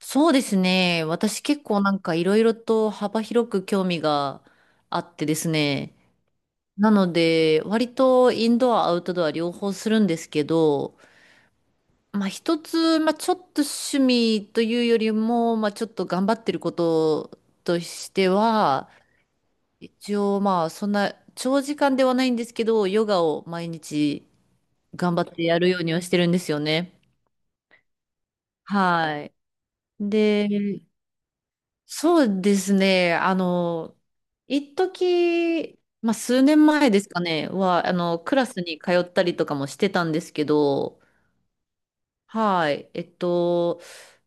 そうですね。私結構なんかいろいろと幅広く興味があってですね。なので、割とインドア、アウトドア両方するんですけど、まあ一つ、まあちょっと趣味というよりも、まあちょっと頑張ってることとしては、一応まあそんな長時間ではないんですけど、ヨガを毎日頑張ってやるようにはしてるんですよね。はい。で、そうですね。一時、まあ、数年前ですかね、は、クラスに通ったりとかもしてたんですけど、はい。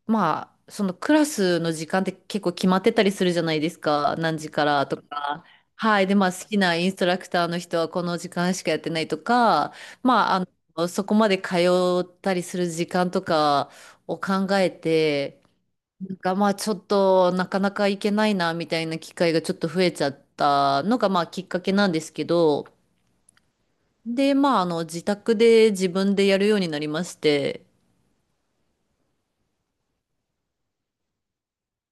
まあ、そのクラスの時間って結構決まってたりするじゃないですか。何時からとか。はい。で、まあ、好きなインストラクターの人はこの時間しかやってないとか、まあ、そこまで通ったりする時間とかを考えて、が、まあちょっとなかなか行けないなみたいな機会がちょっと増えちゃったのがまあきっかけなんですけど、で、まああの自宅で自分でやるようになりまして、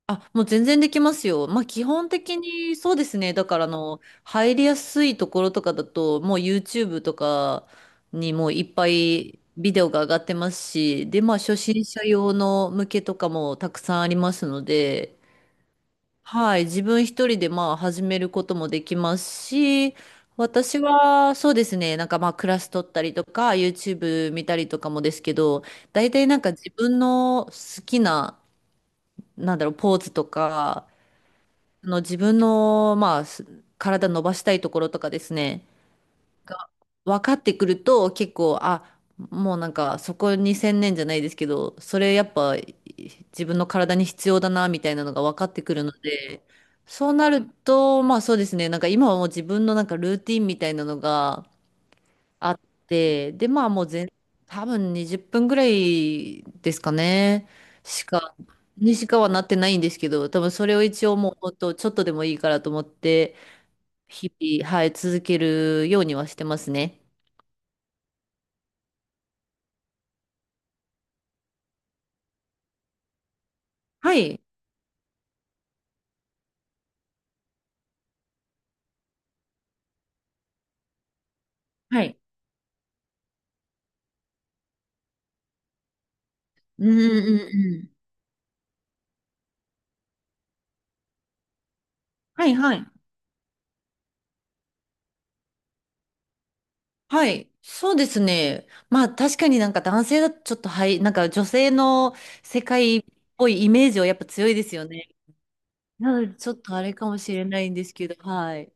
あ、もう全然できますよ。まあ基本的にそうですね。だからあの、入りやすいところとかだと、もう YouTube とかにもういっぱいビデオが上がってますし、で、まあ初心者用の向けとかもたくさんありますので、はい、自分一人でまあ始めることもできますし、私はそうですね、なんかまあクラス取ったりとか、YouTube 見たりとかもですけど、大体なんか自分の好きな、なんだろう、ポーズとか、自分のまあ体伸ばしたいところとかですね、分かってくると結構、あ、もうなんかそこに専念じゃないですけど、それやっぱ自分の体に必要だなみたいなのが分かってくるので、そうなると、まあそうですね、なんか今はもう自分のなんかルーティンみたいなのがあって、でまあもう多分20分ぐらいですかね、しか、にしかはなってないんですけど、多分それを一応もうほんとちょっとでもいいからと思って、日々、はい、続けるようにはしてますね。はい。はい。うんうんうん。はいはい。はい。そうですね。まあ確かになんか男性だとちょっとはい、なんか女性の世界っぽいイメージはやっぱ強いですよね。なのでちょっとあれかもしれないんですけど、はい。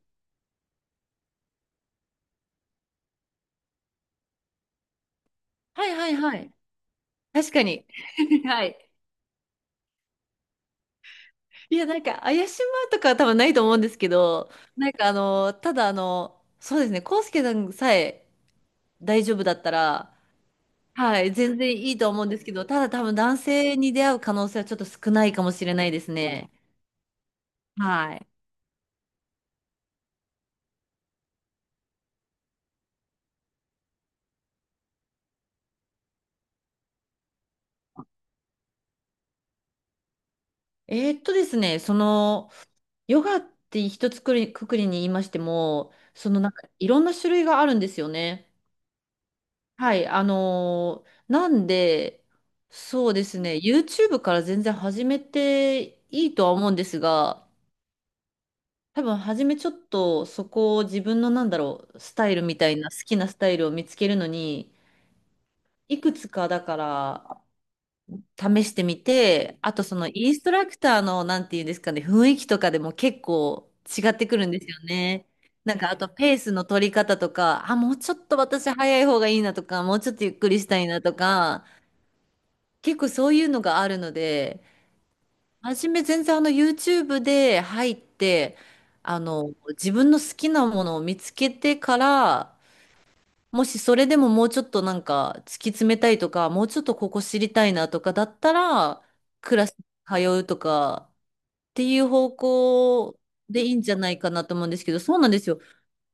はいはいはい。確かに。はい。いや、なんか怪しまうとかは多分ないと思うんですけど、なんかただそうですね、コウスケさんさえ大丈夫だったら、はい、全然いいと思うんですけど、ただ多分男性に出会う可能性はちょっと少ないかもしれないですね。はい。ですね、その、ヨガって一つくり、くくりに言いましても、そのなんかいろんな種類があるんですよね。はい、なんで、そうですね、YouTube から全然始めていいとは思うんですが、多分初めちょっとそこを自分のなんだろう、スタイルみたいな好きなスタイルを見つけるのに、いくつかだから試してみて、あとそのインストラクターの、なんていうんですかね、雰囲気とかでも結構違ってくるんですよね。なんかあとペースの取り方とか、あ、もうちょっと私早い方がいいなとか、もうちょっとゆっくりしたいなとか、結構そういうのがあるので、初め全然YouTube で入って、自分の好きなものを見つけてから、もしそれでももうちょっとなんか突き詰めたいとか、もうちょっとここ知りたいなとかだったら、クラス通うとかっていう方向でいいんじゃないかなと思うんですけど、そうなんですよ。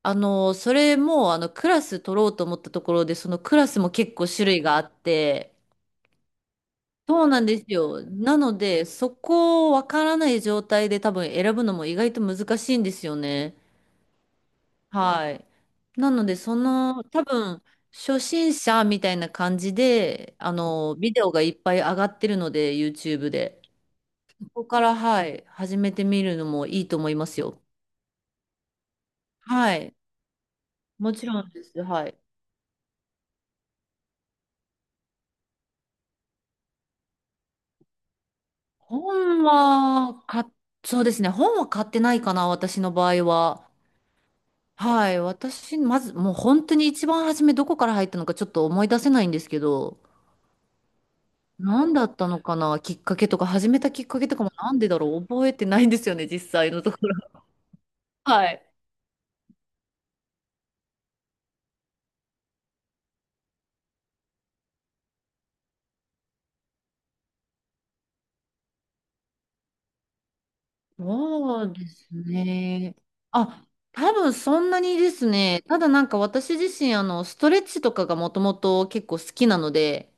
それもあのクラス取ろうと思ったところで、そのクラスも結構種類があって、そうなんですよ。なので、そこをわからない状態で多分選ぶのも意外と難しいんですよね。はい。なので、その、多分、初心者みたいな感じで、ビデオがいっぱい上がってるので、YouTube で。そこから、はい、始めてみるのもいいと思いますよ。はい。もちろんです。はい。本は、か、そうですね。本は買ってないかな、私の場合は。はい。私、まず、もう本当に一番初めどこから入ったのかちょっと思い出せないんですけど、何だったのかなきっかけとか、始めたきっかけとかもなんでだろう覚えてないんですよね、実際のところ。はい。そうですね。あ、多分そんなにですね。ただなんか私自身、ストレッチとかがもともと結構好きなので、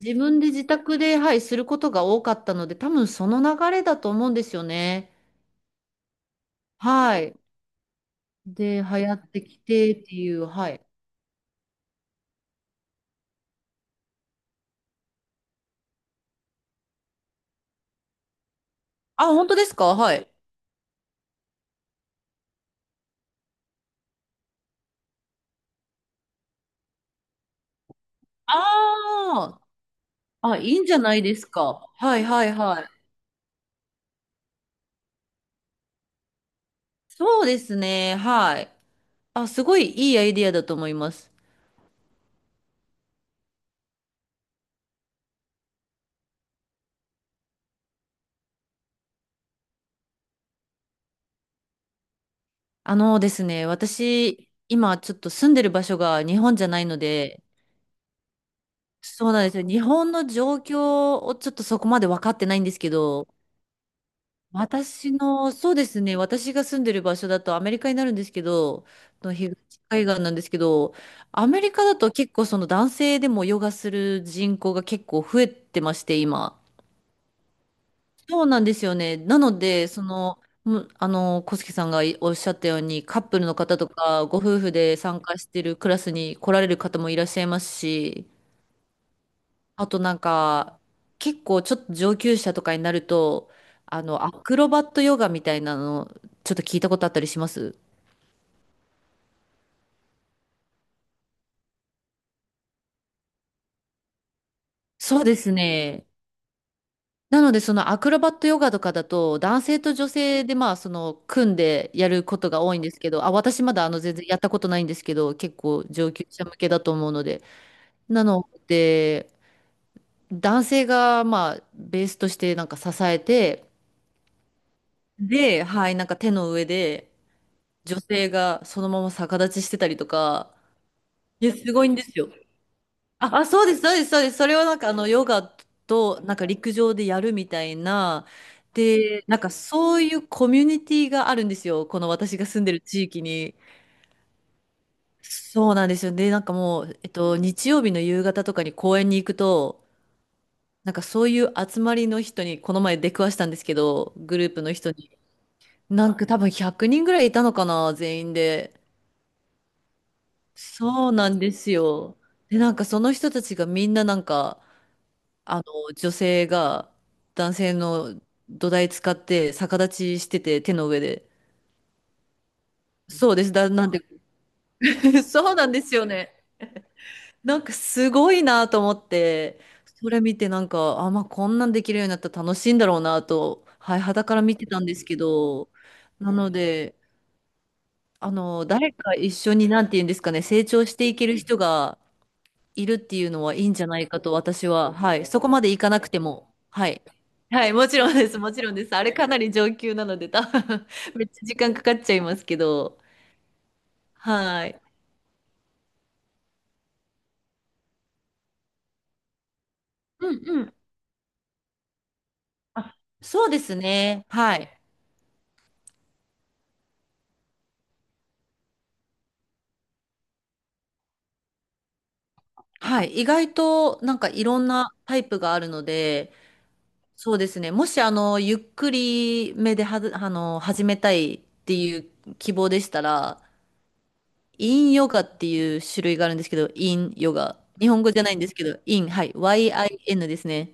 自分で自宅で、はい、することが多かったので、多分その流れだと思うんですよね。はい。で、流行ってきてっていう、はい。あ、本当ですか、はい。ああ、あ、いいんじゃないですか。はいはいはい。そうですね。はい。あ、すごいいいアイディアだと思います。あのですね、私、今ちょっと住んでる場所が日本じゃないので、そうなんですよ。日本の状況をちょっとそこまで分かってないんですけど、私の、そうですね、私が住んでる場所だとアメリカになるんですけど、の東海岸なんですけど、アメリカだと結構その男性でもヨガする人口が結構増えてまして、今。そうなんですよね。なので、その、あの、小杉さんがおっしゃったように、カップルの方とか、ご夫婦で参加してるクラスに来られる方もいらっしゃいますし、あとなんか、結構ちょっと上級者とかになると、アクロバットヨガみたいなの、ちょっと聞いたことあったりします？そうですね。なので、そのアクロバットヨガとかだと、男性と女性で、まあ、その、組んでやることが多いんですけど、あ、私まだ、全然やったことないんですけど、結構上級者向けだと思うので。なので、男性が、まあ、ベースとしてなんか支えて、で、はい、なんか手の上で、女性がそのまま逆立ちしてたりとか、いや、すごいんですよ。あ、あ、そうです、そうです、そうです。それをなんかあのヨガとなんか陸上でやるみたいな。で、なんかそういうコミュニティがあるんですよ。この私が住んでる地域に。そうなんですよ。で、なんかもう、日曜日の夕方とかに公園に行くと、なんかそういう集まりの人に、この前出くわしたんですけど、グループの人に。なんか多分100人ぐらいいたのかな、全員で。そうなんですよ。で、なんかその人たちがみんななんか、あの、女性が男性の土台使って逆立ちしてて、手の上で。そうです。なんで、そうなんですよね。なんかすごいなと思って、それ見てなんか、あ、まあこんなんできるようになったら楽しいんだろうなと、はい、肌から見てたんですけど、なので、誰か一緒に、なんて言うんですかね、成長していける人が、いるっていうのはいいんじゃないかと私は、はい、そこまでいかなくても、はい。はい、もちろんです、もちろんです。あれかなり上級なので、多分 めっちゃ時間かかっちゃいますけど、はい。うんうん。あ、そうですね。はい。はい。意外となんかいろんなタイプがあるので、そうですね。もしゆっくりめではず、あの、始めたいっていう希望でしたら、インヨガっていう種類があるんですけど、インヨガ。日本語じゃないんですけど、イン、はい、YIN ですね。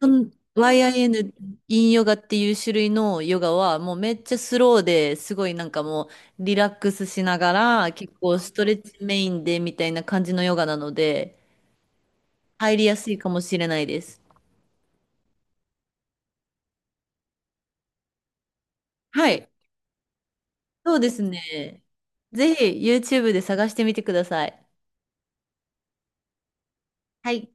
その インヨガっていう種類のヨガは、もうめっちゃスローですごいなんかうリラックスしながら、結構ストレッチメインでみたいな感じのヨガなので、入りやすいかもしれないです。はい、そうですね。ぜひ YouTube で探してみてください。はい。